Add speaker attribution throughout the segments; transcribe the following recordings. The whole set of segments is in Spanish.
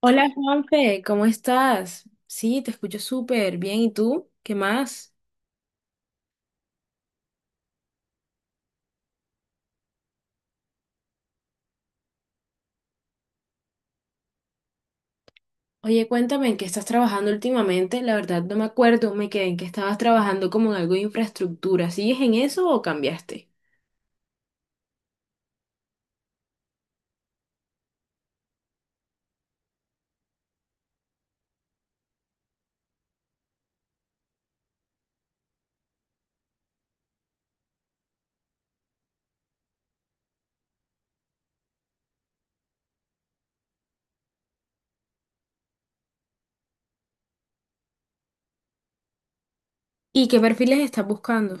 Speaker 1: Hola Juanfe, ¿cómo estás? Sí, te escucho súper bien. ¿Y tú? ¿Qué más? Oye, cuéntame, ¿en qué estás trabajando últimamente? La verdad no me acuerdo, me quedé en que estabas trabajando como en algo de infraestructura. ¿Sigues en eso o cambiaste? ¿Y qué perfiles estás buscando?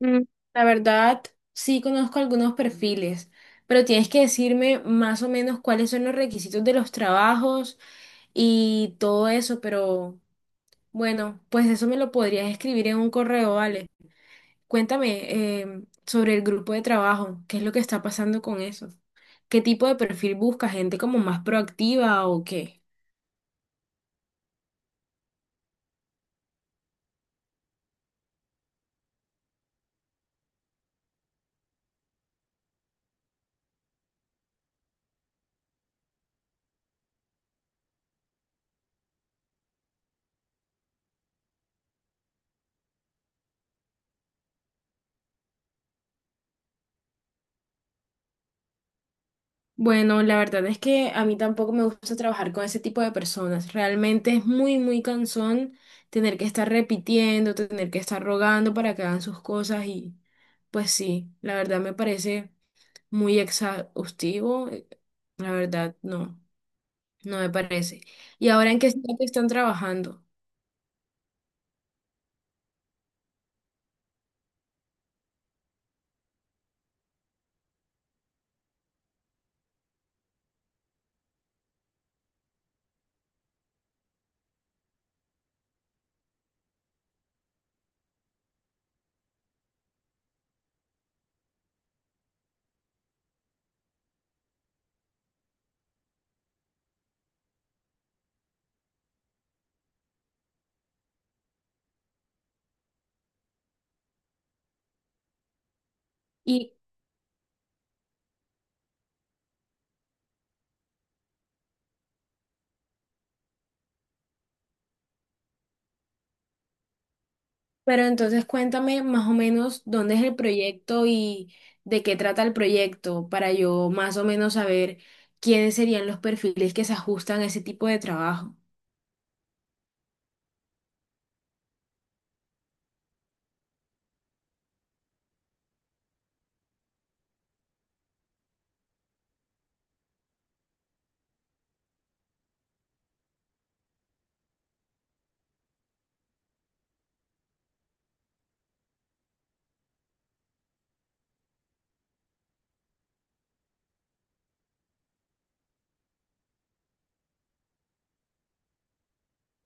Speaker 1: Mm, La verdad, sí conozco algunos perfiles, pero tienes que decirme más o menos cuáles son los requisitos de los trabajos y todo eso, pero bueno, pues eso me lo podrías escribir en un correo, ¿vale? Cuéntame sobre el grupo de trabajo, qué es lo que está pasando con eso, qué tipo de perfil busca, gente como más proactiva o qué. Bueno, la verdad es que a mí tampoco me gusta trabajar con ese tipo de personas. Realmente es muy, muy cansón tener que estar repitiendo, tener que estar rogando para que hagan sus cosas y pues sí, la verdad me parece muy exhaustivo. La verdad, no, no me parece. ¿Y ahora en qué que están trabajando? Pero entonces cuéntame más o menos dónde es el proyecto y de qué trata el proyecto para yo más o menos saber quiénes serían los perfiles que se ajustan a ese tipo de trabajo.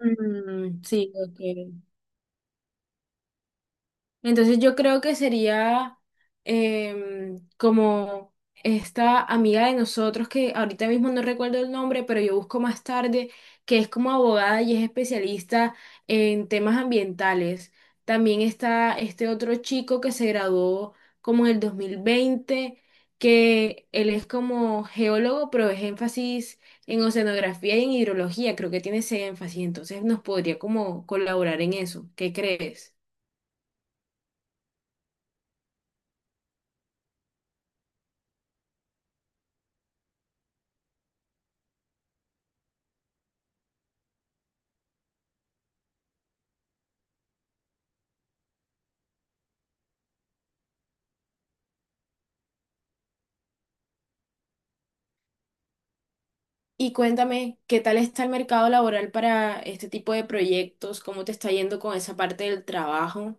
Speaker 1: Mm, sí, ok. Entonces yo creo que sería como esta amiga de nosotros que ahorita mismo no recuerdo el nombre, pero yo busco más tarde, que es como abogada y es especialista en temas ambientales. También está este otro chico que se graduó como en el 2020, que él es como geólogo, pero es énfasis en oceanografía y en hidrología, creo que tiene ese énfasis, entonces nos podría como colaborar en eso. ¿Qué crees? Y cuéntame, ¿qué tal está el mercado laboral para este tipo de proyectos? ¿Cómo te está yendo con esa parte del trabajo?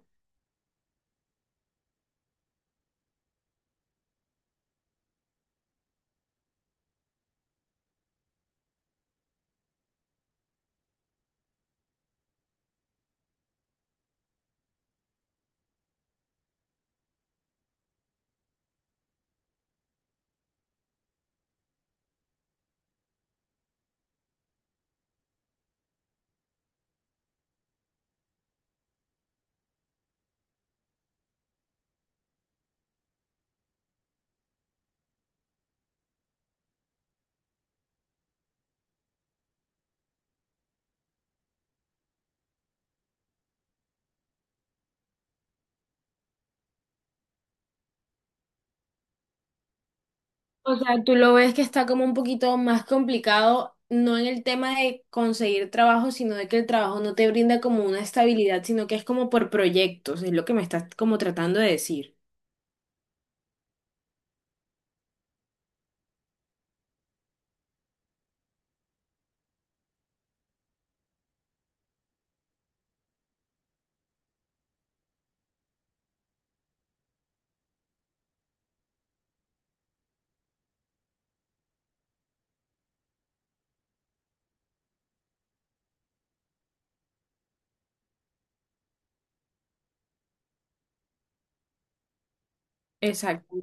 Speaker 1: O sea, tú lo ves que está como un poquito más complicado, no en el tema de conseguir trabajo, sino de que el trabajo no te brinda como una estabilidad, sino que es como por proyectos, es lo que me estás como tratando de decir. Exacto.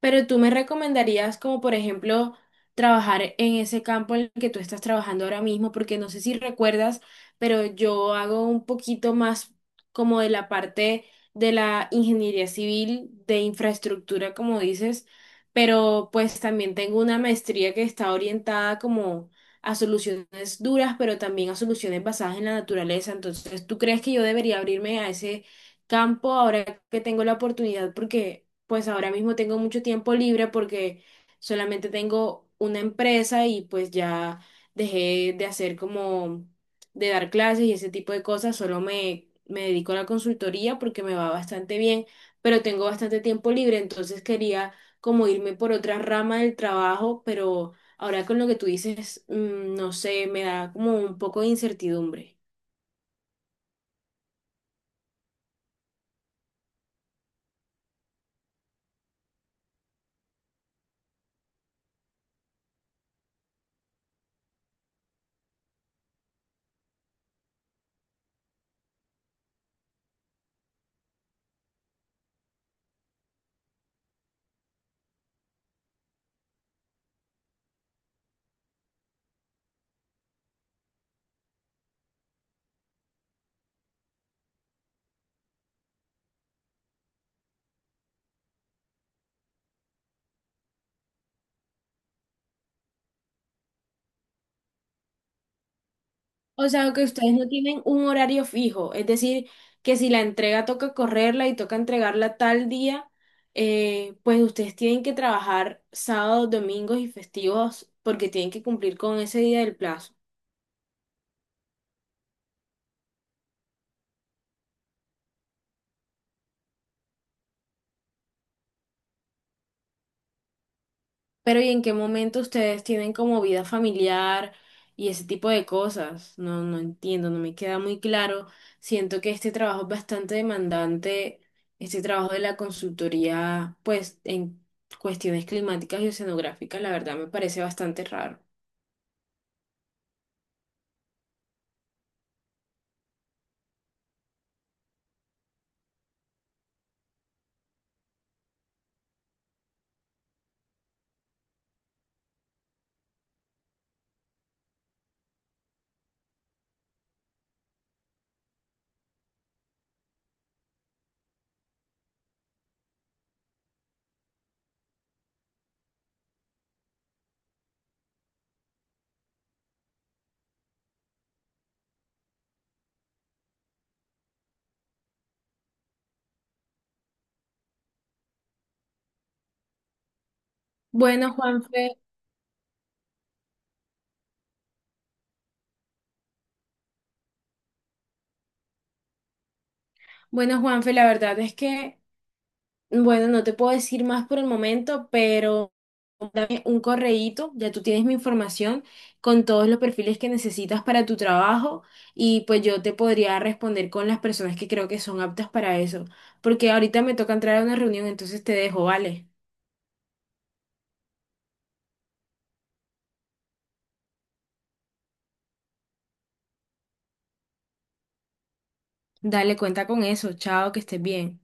Speaker 1: Pero tú me recomendarías como por ejemplo trabajar en ese campo en el que tú estás trabajando ahora mismo, porque no sé si recuerdas, pero yo hago un poquito más como de la parte de la ingeniería civil, de infraestructura, como dices, pero pues también tengo una maestría que está orientada como a soluciones duras, pero también a soluciones basadas en la naturaleza. Entonces, ¿tú crees que yo debería abrirme a ese campo ahora que tengo la oportunidad? Porque pues ahora mismo tengo mucho tiempo libre porque solamente tengo una empresa y pues ya dejé de hacer como de dar clases y ese tipo de cosas, solo me dedico a la consultoría porque me va bastante bien, pero tengo bastante tiempo libre, entonces quería como irme por otra rama del trabajo, pero ahora con lo que tú dices, no sé, me da como un poco de incertidumbre. O sea, que ustedes no tienen un horario fijo, es decir, que si la entrega toca correrla y toca entregarla tal día, pues ustedes tienen que trabajar sábados, domingos y festivos porque tienen que cumplir con ese día del plazo. Pero ¿y en qué momento ustedes tienen como vida familiar y ese tipo de cosas? No, no entiendo, no me queda muy claro. Siento que este trabajo es bastante demandante, este trabajo de la consultoría, pues en cuestiones climáticas y oceanográficas, la verdad me parece bastante raro. Bueno, Juanfe, bueno, Juanfe, la verdad es que bueno, no te puedo decir más por el momento, pero dame un correíto, ya tú tienes mi información con todos los perfiles que necesitas para tu trabajo y pues yo te podría responder con las personas que creo que son aptas para eso, porque ahorita me toca entrar a una reunión, entonces te dejo, vale. Dale, cuenta con eso, chao, que estés bien.